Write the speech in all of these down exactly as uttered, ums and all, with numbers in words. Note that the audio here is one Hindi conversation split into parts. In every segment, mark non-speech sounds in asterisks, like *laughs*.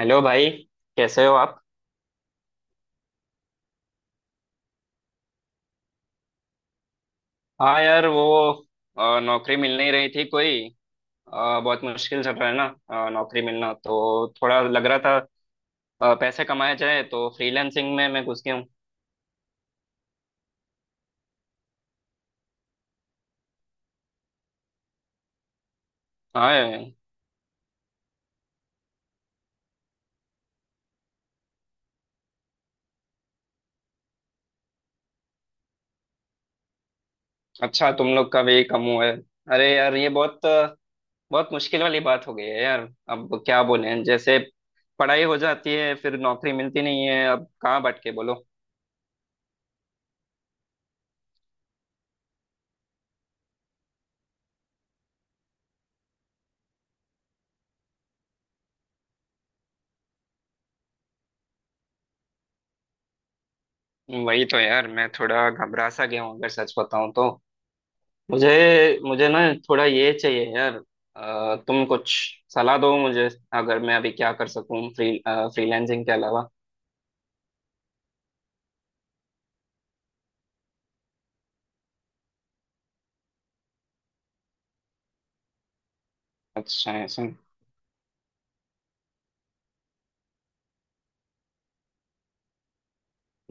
हेलो भाई। कैसे हो आप। हाँ यार, वो अ, नौकरी मिल नहीं रही थी कोई। अ, बहुत मुश्किल चल रहा है ना। अ, नौकरी मिलना तो थोड़ा लग रहा था। अ, पैसे कमाए जाए तो फ्रीलांसिंग में मैं घुस गया हूँ। हाँ यार, अच्छा, तुम लोग का भी कम हुआ है। अरे यार, ये बहुत अ, बहुत मुश्किल वाली बात हो गई है यार। अब क्या बोलें, जैसे पढ़ाई हो जाती है, फिर नौकरी मिलती नहीं है, अब कहाँ बट के बोलो। वही तो यार, मैं थोड़ा घबरा सा गया हूँ अगर सच बताऊँ तो। मुझे मुझे ना, थोड़ा ये चाहिए यार। अ, तुम कुछ सलाह दो मुझे, अगर मैं अभी क्या कर सकूं फ्री फ्रीलैंसिंग के अलावा। अच्छा है सुन।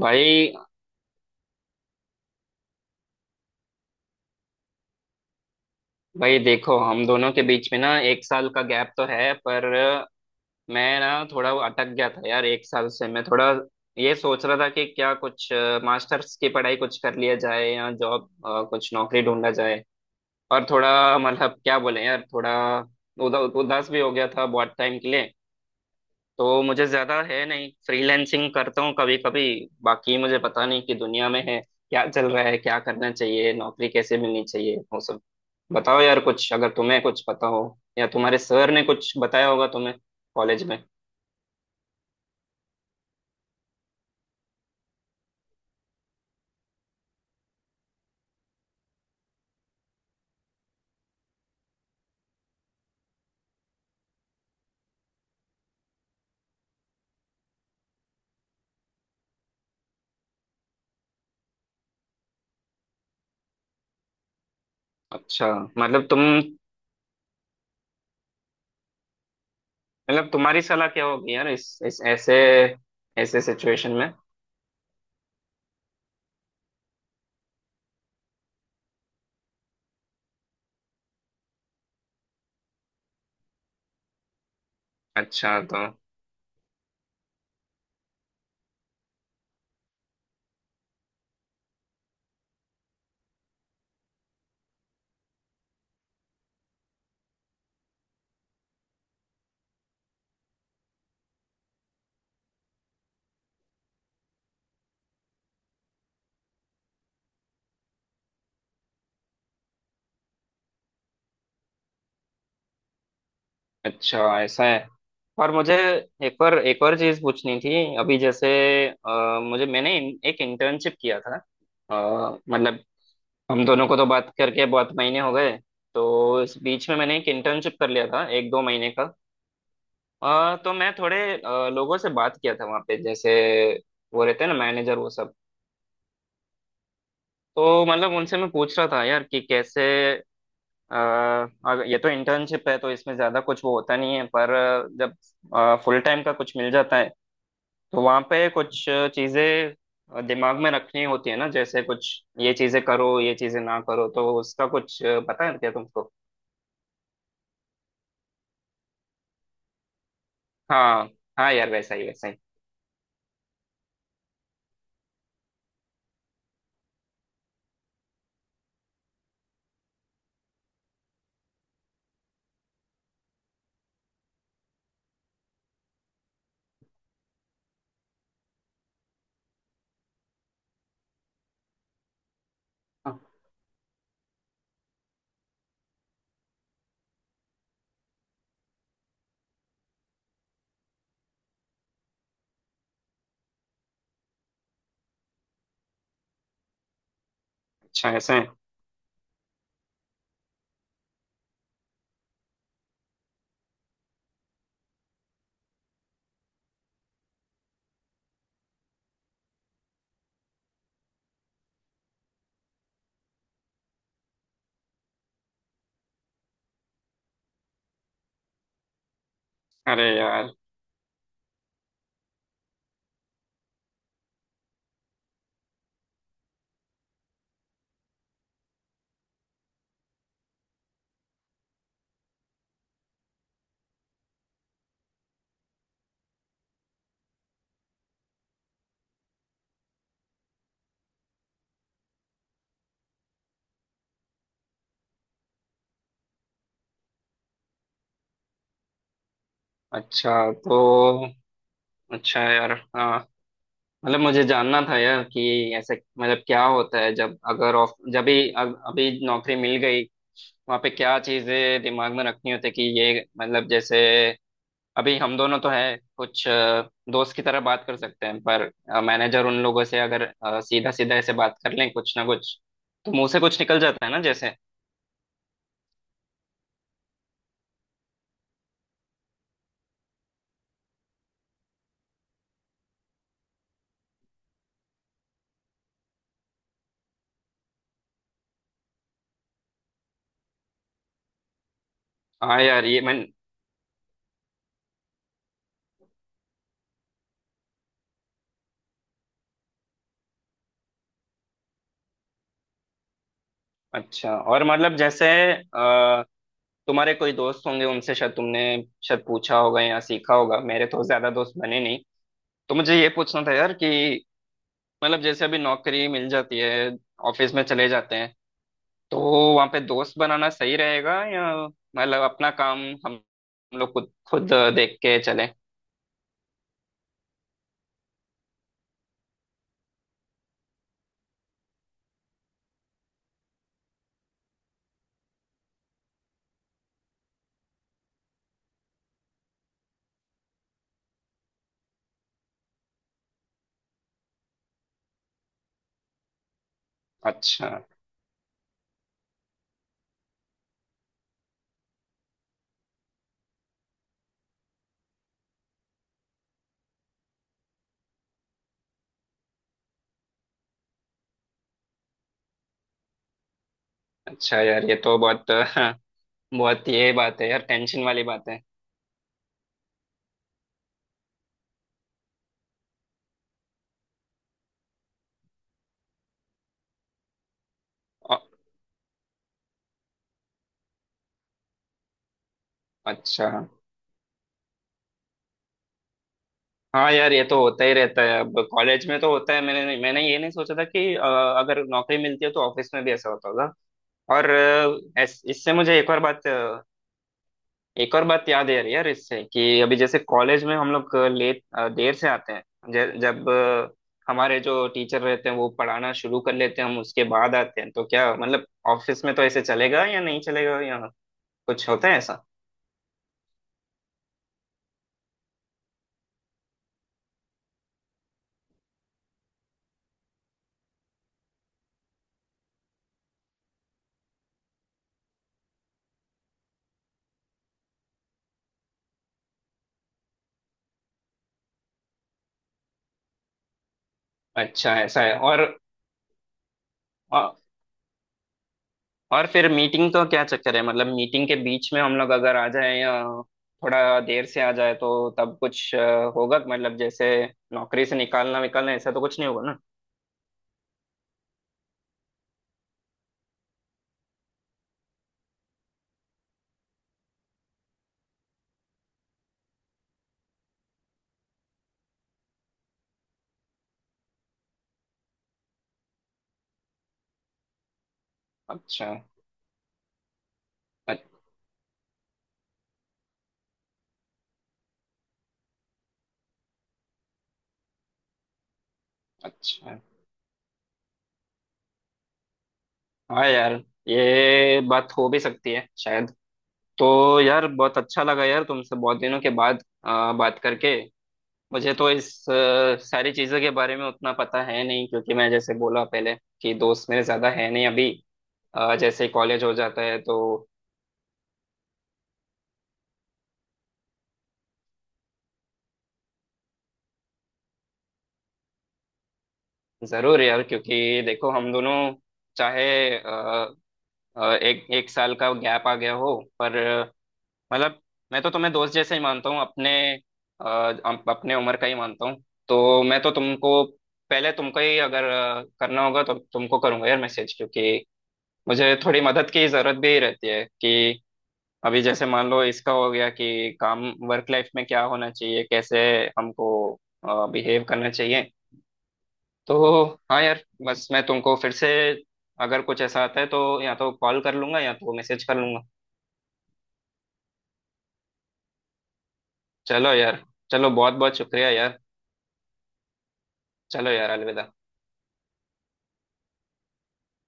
भाई भाई देखो, हम दोनों के बीच में ना एक साल का गैप तो है, पर मैं ना थोड़ा वो अटक गया था यार। एक साल से मैं थोड़ा ये सोच रहा था कि क्या कुछ मास्टर्स की पढ़ाई कुछ कर लिया जाए या जॉब कुछ नौकरी ढूंढा जाए। और थोड़ा मतलब क्या बोले यार, थोड़ा उदा, उदास भी हो गया था बहुत टाइम के लिए। तो मुझे ज्यादा है नहीं, फ्रीलैंसिंग करता हूँ कभी कभी। बाकी मुझे पता नहीं कि दुनिया में है क्या चल रहा है, क्या करना चाहिए, नौकरी कैसे मिलनी चाहिए, वो सब। बताओ यार कुछ, अगर तुम्हें कुछ पता हो, या तुम्हारे सर ने कुछ बताया होगा तुम्हें कॉलेज में। अच्छा। मतलब तुम मतलब तुम्हारी सलाह क्या होगी यार, इस इस ऐसे ऐसे सिचुएशन में। अच्छा तो। अच्छा ऐसा है। और मुझे एक और एक और चीज पूछनी थी अभी, जैसे अ, मुझे मैंने इन, एक इंटर्नशिप किया था। अ, मतलब, हम दोनों को तो बात करके बहुत महीने हो गए, तो इस बीच में मैंने एक इंटर्नशिप कर लिया था एक दो महीने का। अ, तो मैं थोड़े अ, लोगों से बात किया था वहाँ पे, जैसे वो रहते हैं ना मैनेजर वो सब। तो मतलब उनसे मैं पूछ रहा था यार कि कैसे, अ, अगर ये तो इंटर्नशिप है तो इसमें ज्यादा कुछ वो होता नहीं है, पर जब फुल टाइम का कुछ मिल जाता है, तो वहां पे कुछ चीजें दिमाग में रखनी होती है ना, जैसे कुछ ये चीजें करो, ये चीजें ना करो, तो उसका कुछ पता है क्या तुमको। हाँ। हाँ यार, वैसा ही वैसा ही। हाँ। अच्छा ऐसा है। अरे यार। अच्छा तो। अच्छा यार, हाँ। मतलब मुझे जानना था यार कि ऐसे मतलब क्या होता है जब, अगर ऑफ जब भी अब- अभी नौकरी मिल गई, वहाँ पे क्या चीजें दिमाग में रखनी होती है कि ये, मतलब जैसे अभी हम दोनों तो हैं, कुछ अ, दोस्त की तरह बात कर सकते हैं, पर मैनेजर उन लोगों से अगर सीधा सीधा ऐसे बात कर लें कुछ ना कुछ, तो मुंह से कुछ निकल जाता है ना जैसे। हाँ यार, ये मैं। अच्छा। और मतलब जैसे अ, तुम्हारे कोई दोस्त होंगे, उनसे शायद तुमने शायद पूछा होगा या सीखा होगा। मेरे तो ज्यादा दोस्त बने नहीं, तो मुझे ये पूछना था यार कि मतलब जैसे अभी नौकरी मिल जाती है, ऑफिस में चले जाते हैं, तो वहाँ पे दोस्त बनाना सही रहेगा, या मतलब अपना काम हम हम लोग खुद खुद देख के चले। अच्छा। अच्छा यार, ये तो बहुत *laughs* बहुत ये बात है यार, टेंशन वाली बात है। अ- अच्छा हाँ यार, ये तो होता ही रहता है, अब कॉलेज में तो होता है। मैंने मैंने ये नहीं सोचा था कि अ, अगर नौकरी मिलती है तो ऑफिस में भी ऐसा होता होगा। और अ, ऐस- इससे मुझे एक और बात, एक और बात याद आ रही है यार इससे, कि अभी जैसे कॉलेज में हम लोग लेट अ, देर से आते हैं, ज- जब अ, हमारे जो टीचर रहते हैं वो पढ़ाना शुरू कर लेते हैं, हम उसके बाद आते हैं, तो क्या मतलब ऑफिस में तो ऐसे चलेगा या नहीं चलेगा, या कुछ होता है ऐसा। अच्छा ऐसा है। और औ- और फिर मीटिंग, तो क्या चक्कर है, मतलब मीटिंग के बीच में हम लोग अगर आ जाए, या थोड़ा देर से आ जाए, तो तब कुछ अ, होगा, मतलब जैसे नौकरी से निकालना विकालना ऐसा तो कुछ नहीं होगा ना। अच्छा। अ- अच्छा हाँ यार, ये बात हो भी सकती है शायद। तो यार, बहुत अच्छा लगा यार तुमसे बहुत दिनों के बाद आ, बात करके। मुझे तो इस आ, सारी चीज़ों के बारे में उतना पता है नहीं, क्योंकि मैं जैसे बोला पहले कि दोस्त मेरे ज़्यादा है नहीं अभी, आ, जैसे कॉलेज हो जाता है तो। ज़रूर यार, क्योंकि देखो हम दोनों, चाहे आ, आ, एक एक साल का गैप आ गया हो, पर मतलब मैं तो तुम्हें दोस्त जैसे ही मानता हूँ अपने, अ, अप- अपने उम्र का ही मानता हूँ। तो मैं तो तुमको, पहले तुमको ही अगर अ, करना होगा तो तुमको करूंगा यार मैसेज, क्योंकि मुझे थोड़ी मदद की जरूरत भी रहती है कि अभी जैसे मान लो इसका हो गया, कि काम, वर्क लाइफ में क्या होना चाहिए, कैसे हमको बिहेव करना चाहिए तो। हाँ यार, बस मैं तुमको फिर से, अगर कुछ ऐसा आता है तो या तो कॉल कर लूंगा या तो मैसेज कर लूंगा। चलो यार। चलो, बहुत बहुत शुक्रिया यार। चलो यार, अलविदा।